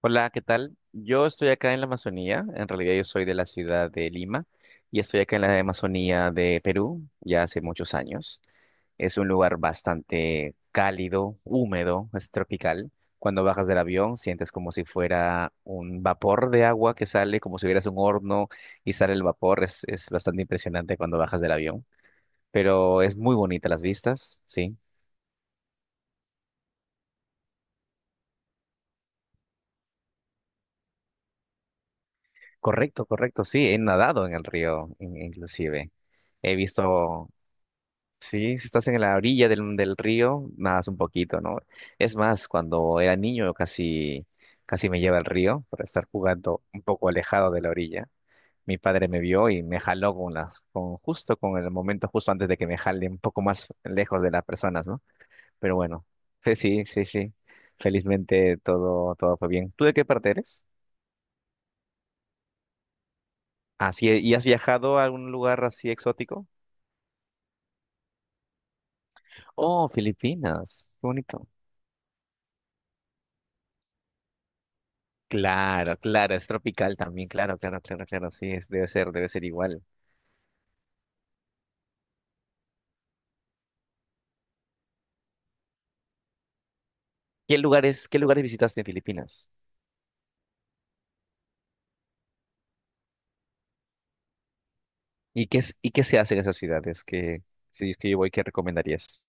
Hola, ¿qué tal? Yo estoy acá en la Amazonía, en realidad yo soy de la ciudad de Lima y estoy acá en la Amazonía de Perú ya hace muchos años. Es un lugar bastante cálido, húmedo, es tropical. Cuando bajas del avión sientes como si fuera un vapor de agua que sale, como si hubieras un horno y sale el vapor. Es bastante impresionante cuando bajas del avión, pero es muy bonita las vistas, sí. Correcto, correcto, sí, he nadado en el río inclusive. He visto. Sí, si estás en la orilla del río, nadas un poquito, ¿no? Es más, cuando era niño casi, casi me lleva al río por estar jugando un poco alejado de la orilla. Mi padre me vio y me jaló con las, con justo con el momento justo antes de que me jale un poco más lejos de las personas, ¿no? Pero bueno, sí, sí, sí, sí. Felizmente todo fue bien. ¿Tú de qué parte eres? Así, ¿y has viajado a algún lugar así exótico? Oh, Filipinas, qué bonito. Claro, claro, es tropical también, claro, claro, claro, claro, sí, debe ser igual. ¿Qué lugares visitaste en Filipinas? ¿Y qué se hace en esas ciudades que, si es que yo voy, qué recomendarías?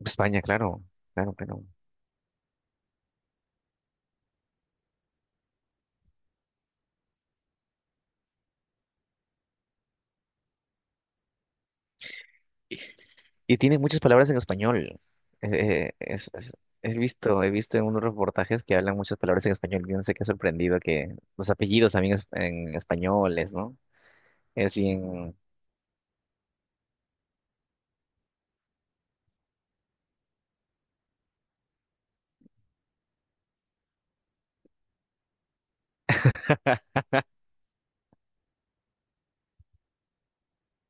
España, claro, claro, claro. Y tiene muchas palabras en español. Eh, eh, es, es- He visto, en unos reportajes que hablan muchas palabras en español. Yo no sé qué sorprendido que los apellidos también en españoles, ¿no? Es bien.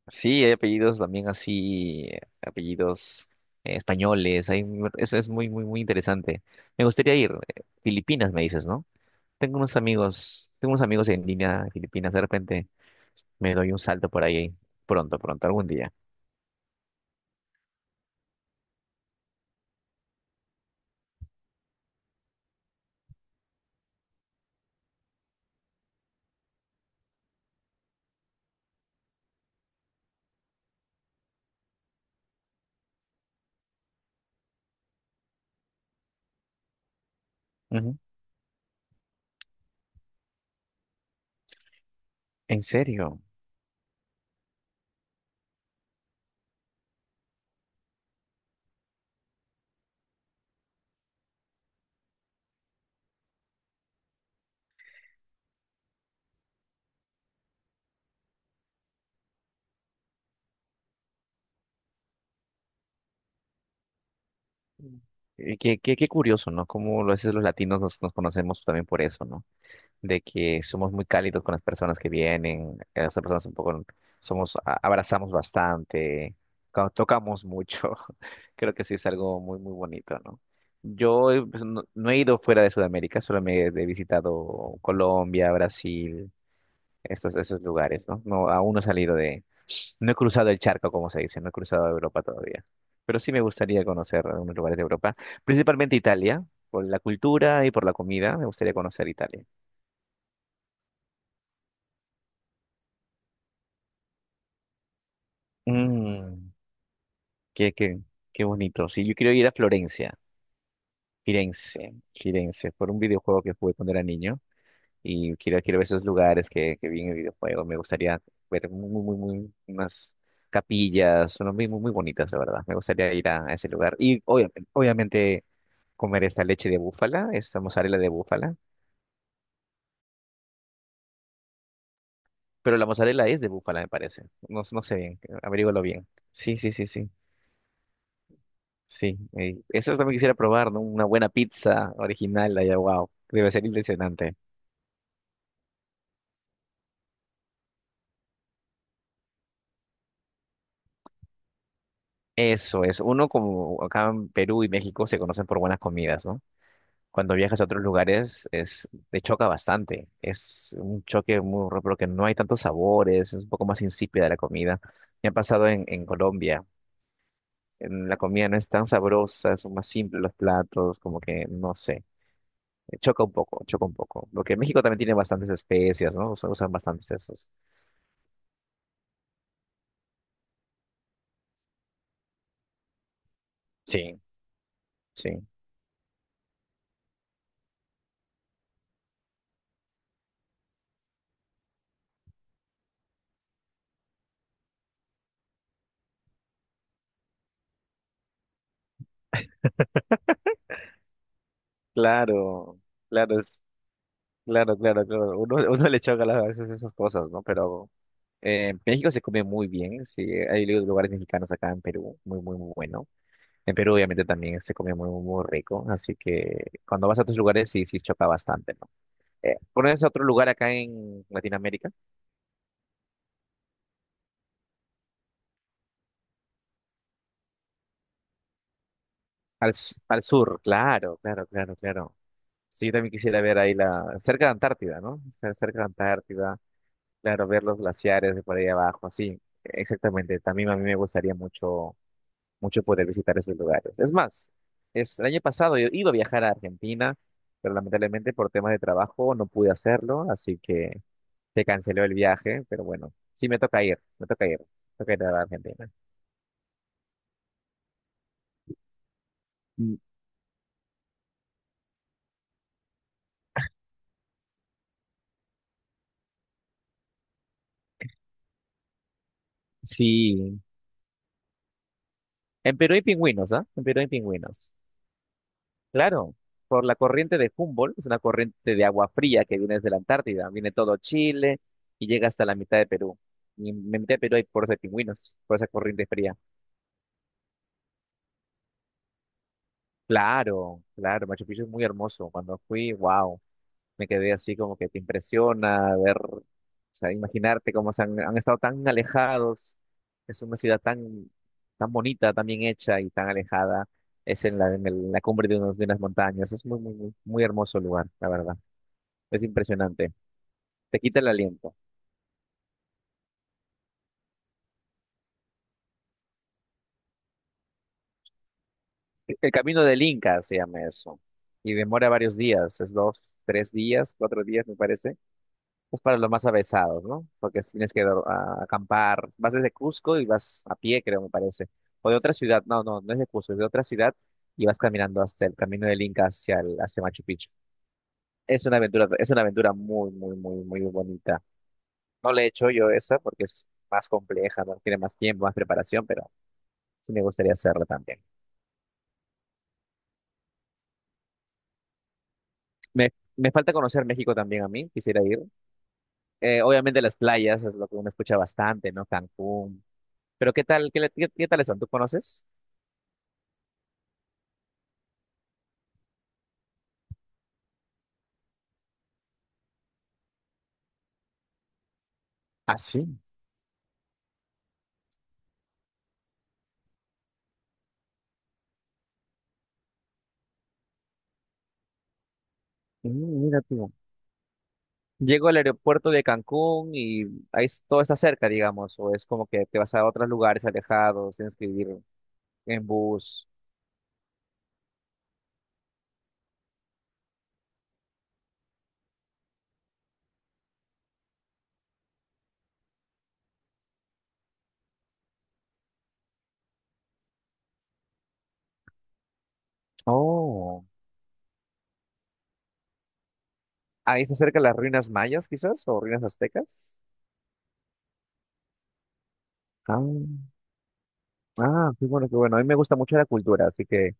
Sí, hay apellidos también así, apellidos españoles, eso es muy, muy, muy interesante. Me gustaría ir. Filipinas, me dices, ¿no? Tengo unos amigos en línea de Filipinas, de repente me doy un salto por ahí pronto, pronto, algún día. Ujú. ¿En serio? Mm. Qué curioso, ¿no? Cómo a veces los latinos nos conocemos también por eso, ¿no? De que somos muy cálidos con las personas que vienen, las personas un poco, somos, abrazamos bastante, cuando tocamos mucho, creo que sí es algo muy, muy bonito, ¿no? Yo, pues, no he ido fuera de Sudamérica, solo me he visitado Colombia, Brasil, esos lugares, ¿no? No, aún no he salido de, no he cruzado el charco, como se dice, no he cruzado Europa todavía. Pero sí me gustaría conocer algunos lugares de Europa, principalmente Italia, por la cultura y por la comida, me gustaría conocer Italia. Mm. Qué, qué, qué bonito. Sí, yo quiero ir a Florencia, Firenze, Firenze, por un videojuego que jugué cuando era niño. Y quiero ver esos lugares que vi en el videojuego. Me gustaría ver muy, muy, muy, unas capillas, unas muy, muy, muy bonitas, de verdad. Me gustaría ir a ese lugar. Y obviamente comer esta leche de búfala, esta mozzarella de búfala. Pero la mozzarella es de búfala, me parece. No, no sé bien, averígualo bien. Sí, sí, sí, sí. Sí, eso también quisiera probar, ¿no? Una buena pizza original allá, wow, debe ser impresionante. Eso es, uno como acá en Perú y México se conocen por buenas comidas, ¿no? Cuando viajas a otros lugares es, te choca bastante, es un choque muy raro porque no hay tantos sabores, es un poco más insípida la comida. Me ha pasado en Colombia, en la comida no es tan sabrosa, son más simples los platos, como que no sé, choca un poco, choca un poco. Porque en México también tiene bastantes especias, ¿no? Usan bastantes esos. Sí. Sí, claro, claro, claro, claro, claro. Uno, uno le choca a veces esas cosas, ¿no? Pero México se come muy bien, sí. Hay lugares mexicanos acá en Perú, muy, muy, muy bueno. En Perú, obviamente, también se come muy, muy, muy rico. Así que cuando vas a otros lugares, sí, sí choca bastante, ¿no? ¿pones otro lugar acá en Latinoamérica? Al sur, claro, claro, claro, claro. Sí, yo también quisiera ver ahí cerca de Antártida, ¿no? O sea, cerca de Antártida, claro, ver los glaciares de por ahí abajo, sí, exactamente. También a mí me gustaría mucho, mucho poder visitar esos lugares. Es más, el año pasado yo iba a viajar a Argentina, pero lamentablemente por temas de trabajo no pude hacerlo, así que se canceló el viaje, pero bueno, sí me toca ir, me toca ir, me toca ir a Argentina. Mm. Sí, en Perú hay pingüinos, ¿ah? En Perú hay pingüinos. Claro, por la corriente de Humboldt, es una corriente de agua fría que viene desde la Antártida, viene todo Chile y llega hasta la mitad de Perú. Y en la mitad de Perú hay por de pingüinos, por esa corriente fría. Claro, claro, Machu Picchu es muy hermoso. Cuando fui, wow, me quedé así como que te impresiona ver, o sea, imaginarte cómo han estado tan alejados. Es una ciudad tan, tan bonita, tan bien hecha y tan alejada. Es en la cumbre de unas montañas. Es muy, muy, muy muy hermoso lugar, la verdad. Es impresionante. Te quita el aliento. El camino del Inca se llama eso. Y demora varios días, es dos, tres días, cuatro días, me parece. Es para los más avesados, ¿no? Porque tienes que acampar. Vas desde Cusco y vas a pie, creo, me parece. O de otra ciudad, no, no, no es de Cusco, es de otra ciudad y vas caminando hasta el camino del Inca hacia Machu Picchu. Es una aventura muy, muy, muy, muy bonita. No la he hecho yo esa porque es más compleja, ¿no? Tiene más tiempo, más preparación, pero sí me gustaría hacerla también. Me, me falta conocer México también a mí, quisiera ir. Obviamente las playas es lo que uno escucha bastante, ¿no? Cancún. Pero ¿qué tal? ¿Qué tales son? ¿Tú conoces? Ah, sí. Mm, mira tú. Llego al aeropuerto de Cancún y ahí todo está cerca, digamos, o es como que te vas a otros lugares alejados, tienes que ir en bus. Oh. Ahí está cerca las ruinas mayas, quizás, o ruinas aztecas. Ah, ah, qué bueno, qué bueno. A mí me gusta mucho la cultura, así que.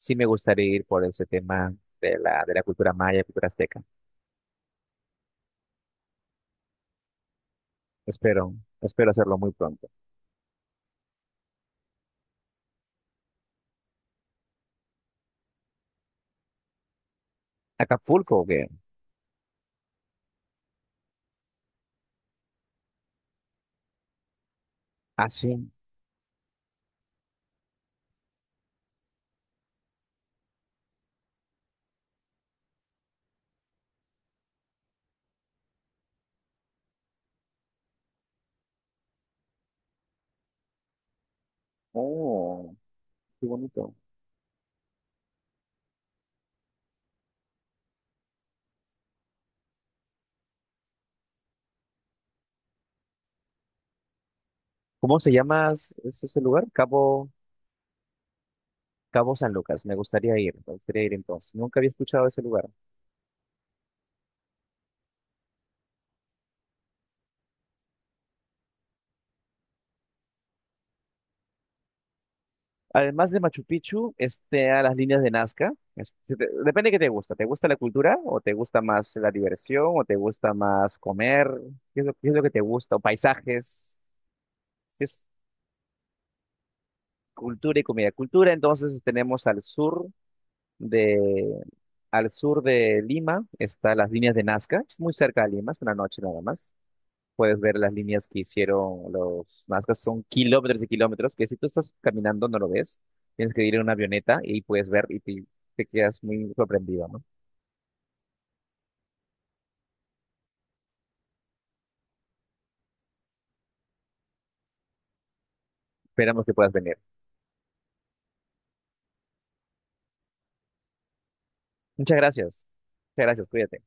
Sí me gustaría ir por ese tema de la cultura maya, cultura azteca. Espero, espero hacerlo muy pronto. Acapulco, ¿o qué? Ah, sí. Oh, qué bonito. ¿Cómo se llama es ese lugar? Cabo, San Lucas. Me gustaría ir entonces. Nunca había escuchado ese lugar. Además de Machu Picchu, este, a las líneas de Nazca. Este, depende de qué te gusta. ¿Te gusta la cultura o te gusta más la diversión o te gusta más comer? ¿Qué es lo que te gusta? ¿O paisajes? Cultura y comida. Cultura, entonces tenemos al de, sur de Lima, está las líneas de Nazca, es muy cerca de Lima, es una noche nada más. Puedes ver las líneas que hicieron los Nazcas, son kilómetros y kilómetros, que si tú estás caminando no lo ves, tienes que ir en una avioneta y puedes ver y te quedas muy sorprendido, ¿no? Esperamos que puedas venir. Muchas gracias. Muchas gracias, cuídate.